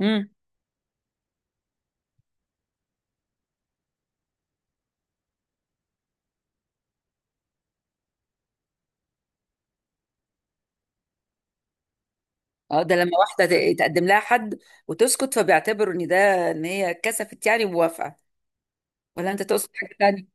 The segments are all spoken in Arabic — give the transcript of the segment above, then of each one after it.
امم اه، ده لما واحده تقدم لها حد وتسكت، فبيعتبروا ان ده ان هي كسفت يعني وموافقه. ولا انت تقصد حاجه تانية؟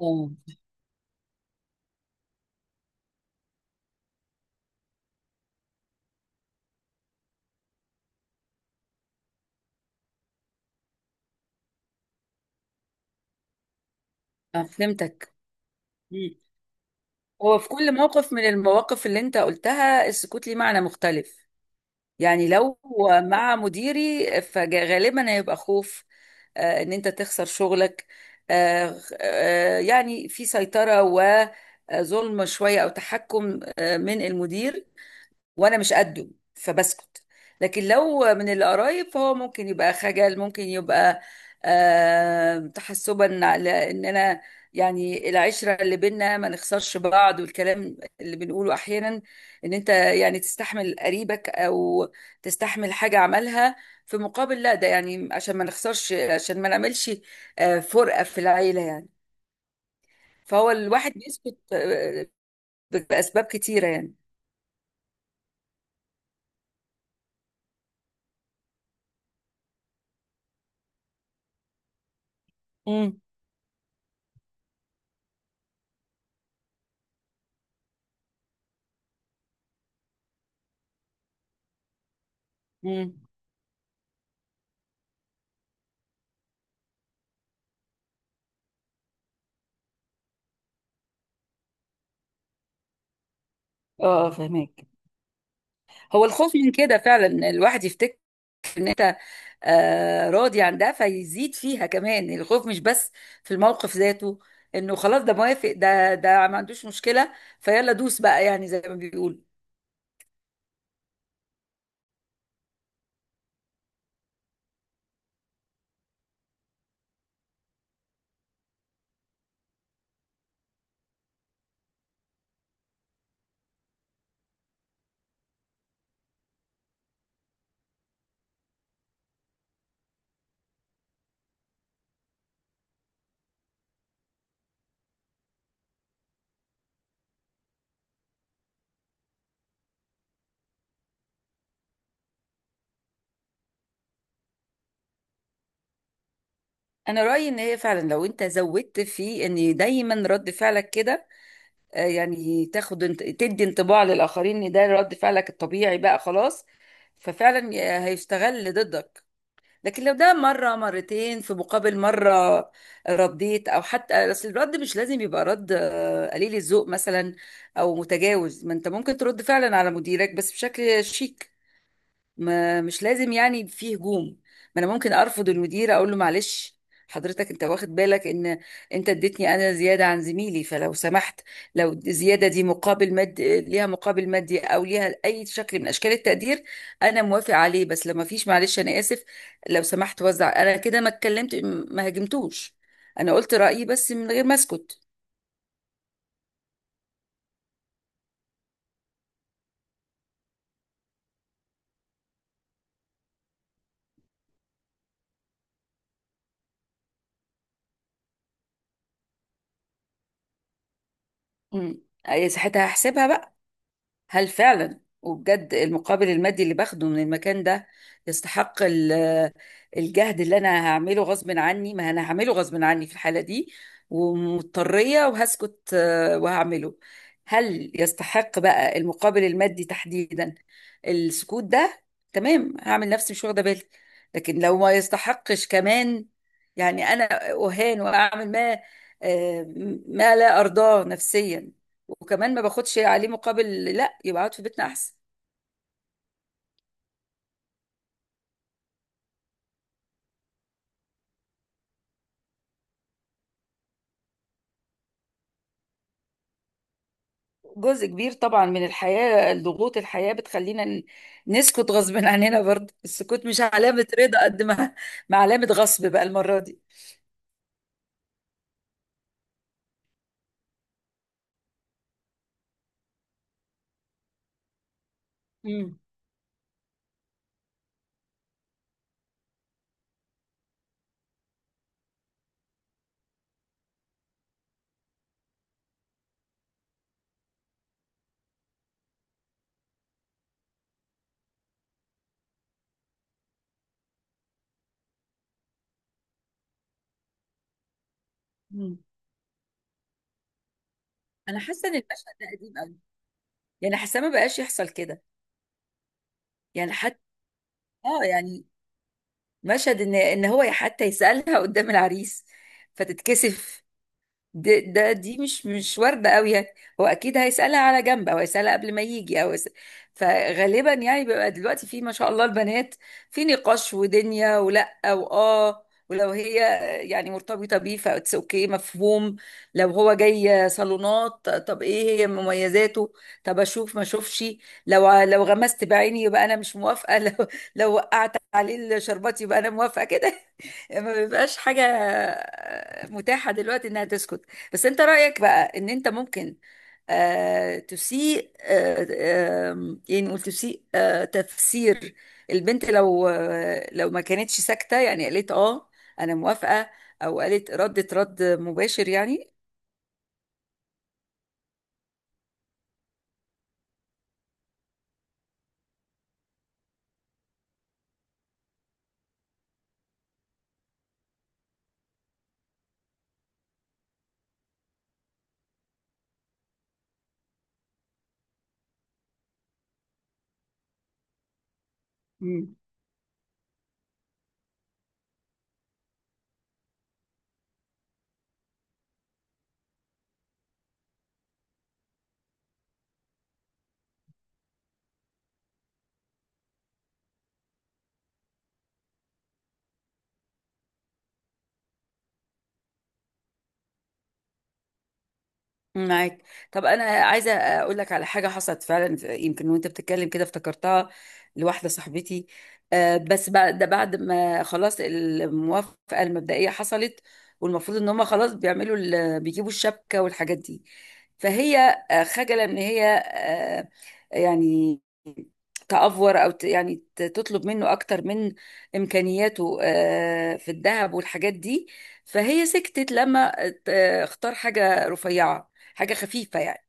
اه. فهمتك. مم. هو في كل موقف من المواقف اللي انت قلتها السكوت ليه معنى مختلف. يعني لو مع مديري فغالبا هيبقى خوف، ان انت تخسر شغلك، يعني في سيطره وظلم شويه او تحكم من المدير وانا مش قده، فبسكت. لكن لو من القرايب فهو ممكن يبقى خجل، ممكن يبقى تحسبا على ان انا يعني العشرة اللي بينا ما نخسرش بعض، والكلام اللي بنقوله احيانا ان انت يعني تستحمل قريبك او تستحمل حاجة عملها في مقابل، لا، ده يعني عشان ما نخسرش، عشان ما نعملش فرقة في العيلة يعني. فهو الواحد بيسكت بأسباب كتيرة يعني. امم امم اه، فهمك. هو الخوف من كده فعلا، إن الواحد يفتكر ان انت راضي عن ده فيزيد فيها كمان، الخوف مش بس في الموقف ذاته، انه خلاص ده موافق، ده ما عندوش مشكلة، فيلا دوس بقى، يعني زي ما بيقول. انا رأيي ان هي فعلا لو انت زودت في ان دايما رد فعلك كده، يعني تاخد تدي انطباع للآخرين ان ده رد فعلك الطبيعي بقى خلاص، ففعلا هيستغل ضدك. لكن لو ده مرة مرتين في مقابل مرة رديت، أو حتى أصل الرد مش لازم يبقى رد قليل الذوق مثلا أو متجاوز، ما أنت ممكن ترد فعلا على مديرك بس بشكل شيك، ما مش لازم يعني في هجوم. ما انا ممكن ارفض المدير، اقول له معلش حضرتك، انت واخد بالك ان انت اديتني انا زياده عن زميلي، فلو سمحت لو الزياده دي مقابل مادي، ليها مقابل مادي او ليها اي شكل من اشكال التقدير، انا موافق عليه. بس لو ما فيش، معلش انا اسف لو سمحت، وزع. انا كده ما اتكلمت، ما هاجمتوش، انا قلت رايي بس من غير ما اسكت. أمم. أي ساعتها هحسبها بقى، هل فعلا وبجد المقابل المادي اللي باخده من المكان ده يستحق الجهد اللي انا هعمله غصب عني؟ ما انا هعمله غصب عني في الحالة دي ومضطرية، وهسكت وهعمله. هل يستحق بقى المقابل المادي تحديدا السكوت ده؟ تمام، هعمل نفسي مش واخدة بالي. لكن لو ما يستحقش كمان، يعني انا اهان واعمل ما آه، ما لا ارضاه نفسيا، وكمان ما باخدش عليه مقابل، لا، يبقى اقعد في بيتنا احسن. جزء كبير طبعا من الحياة، ضغوط الحياة بتخلينا نسكت غصب عننا، برضه السكوت مش علامة رضا قد ما ما علامة غصب بقى المرة دي. امم امم انا حاسة ان المشهد ده قديم قوي، يعني حاسة ما بقاش يحصل كده. يعني حتى اه، يعني مشهد ان ان هو حتى يسألها قدام العريس فتتكسف، ده دي مش وارده قوي يعني. هو اكيد هيسالها على جنب، او هيسالها قبل ما يجي، او يسأل. فغالبا يعني بيبقى دلوقتي في ما شاء الله البنات في نقاش ودنيا ولا واه، ولو هي يعني مرتبطه بيه فاتس اوكي، مفهوم. لو هو جاي صالونات، طب ايه هي مميزاته، طب اشوف ما اشوفش، لو لو غمست بعيني يبقى انا مش موافقه لو وقعت عليه الشربات يبقى انا موافقه كده. ما بيبقاش حاجة متاحة دلوقتي إنها تسكت. بس أنت رأيك بقى، إن أنت ممكن تسيء، يعني نقول تسيء تفسير البنت لو لو ما كانتش ساكتة، يعني قالت أنا موافقة، أو قالت، ردت رد مباشر يعني. معاك. طب انا عايزه اقول لك على حاجه حصلت فعلا يمكن وانت بتتكلم كده افتكرتها، لواحده صاحبتي. بس بعد ده، بعد ما خلاص الموافقه المبدئيه حصلت، والمفروض ان هم خلاص بيجيبوا الشبكه والحاجات دي، فهي خجله ان هي يعني يعني تطلب منه اكتر من امكانياته في الذهب والحاجات دي. فهي سكتت، لما اختار حاجه رفيعه، حاجة خفيفة يعني.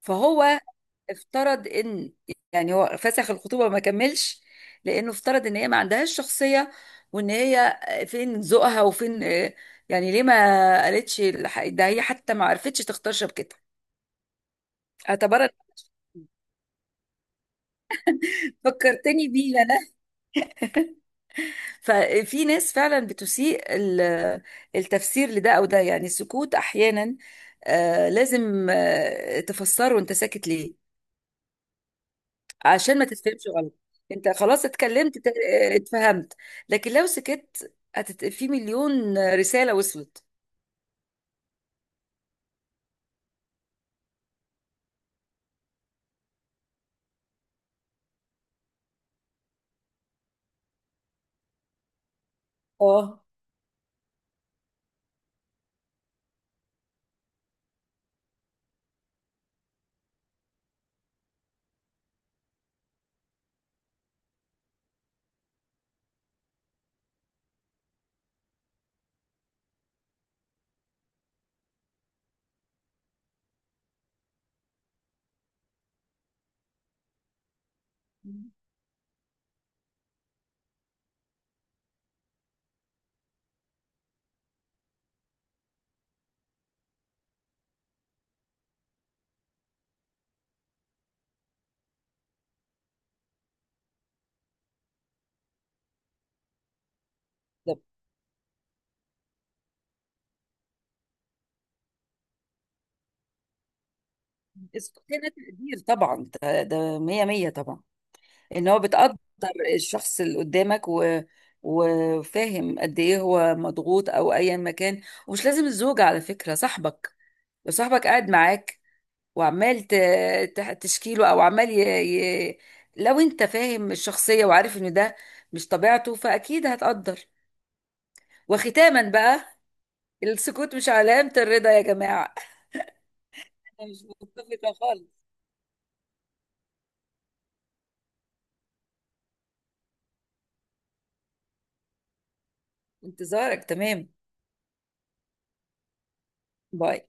فهو افترض ان، يعني هو فسخ الخطوبة ما كملش، لانه افترض ان هي ما عندهاش شخصية، وان هي فين ذوقها وفين يعني ليه ما قالتش ده هي حتى ما عرفتش تختار شبكتها، اعتبرت. فكرتني بيه انا، ففي ناس فعلا بتسيء التفسير لده. او ده يعني السكوت احيانا لازم تفسره، انت ساكت ليه، عشان ما تتفهمش غلط. انت خلاص اتكلمت، اتفهمت. لكن لو سكت هتت... في مليون رسالة وصلت. اه. ده السكوت هنا تقدير طبعا، ده مية مية طبعا، ان هو بتقدر الشخص اللي قدامك، و... وفاهم قد ايه هو مضغوط او ايا ما كان. ومش لازم الزوجة على فكرة، صاحبك، لو صاحبك قاعد معاك وعمال تشكيله او عمال ي... ي... لو انت فاهم الشخصية وعارف ان ده مش طبيعته فاكيد هتقدر. وختاما بقى، السكوت مش علامة الرضا يا جماعة انا مش متفقة خالص. انتظارك، تمام. باي.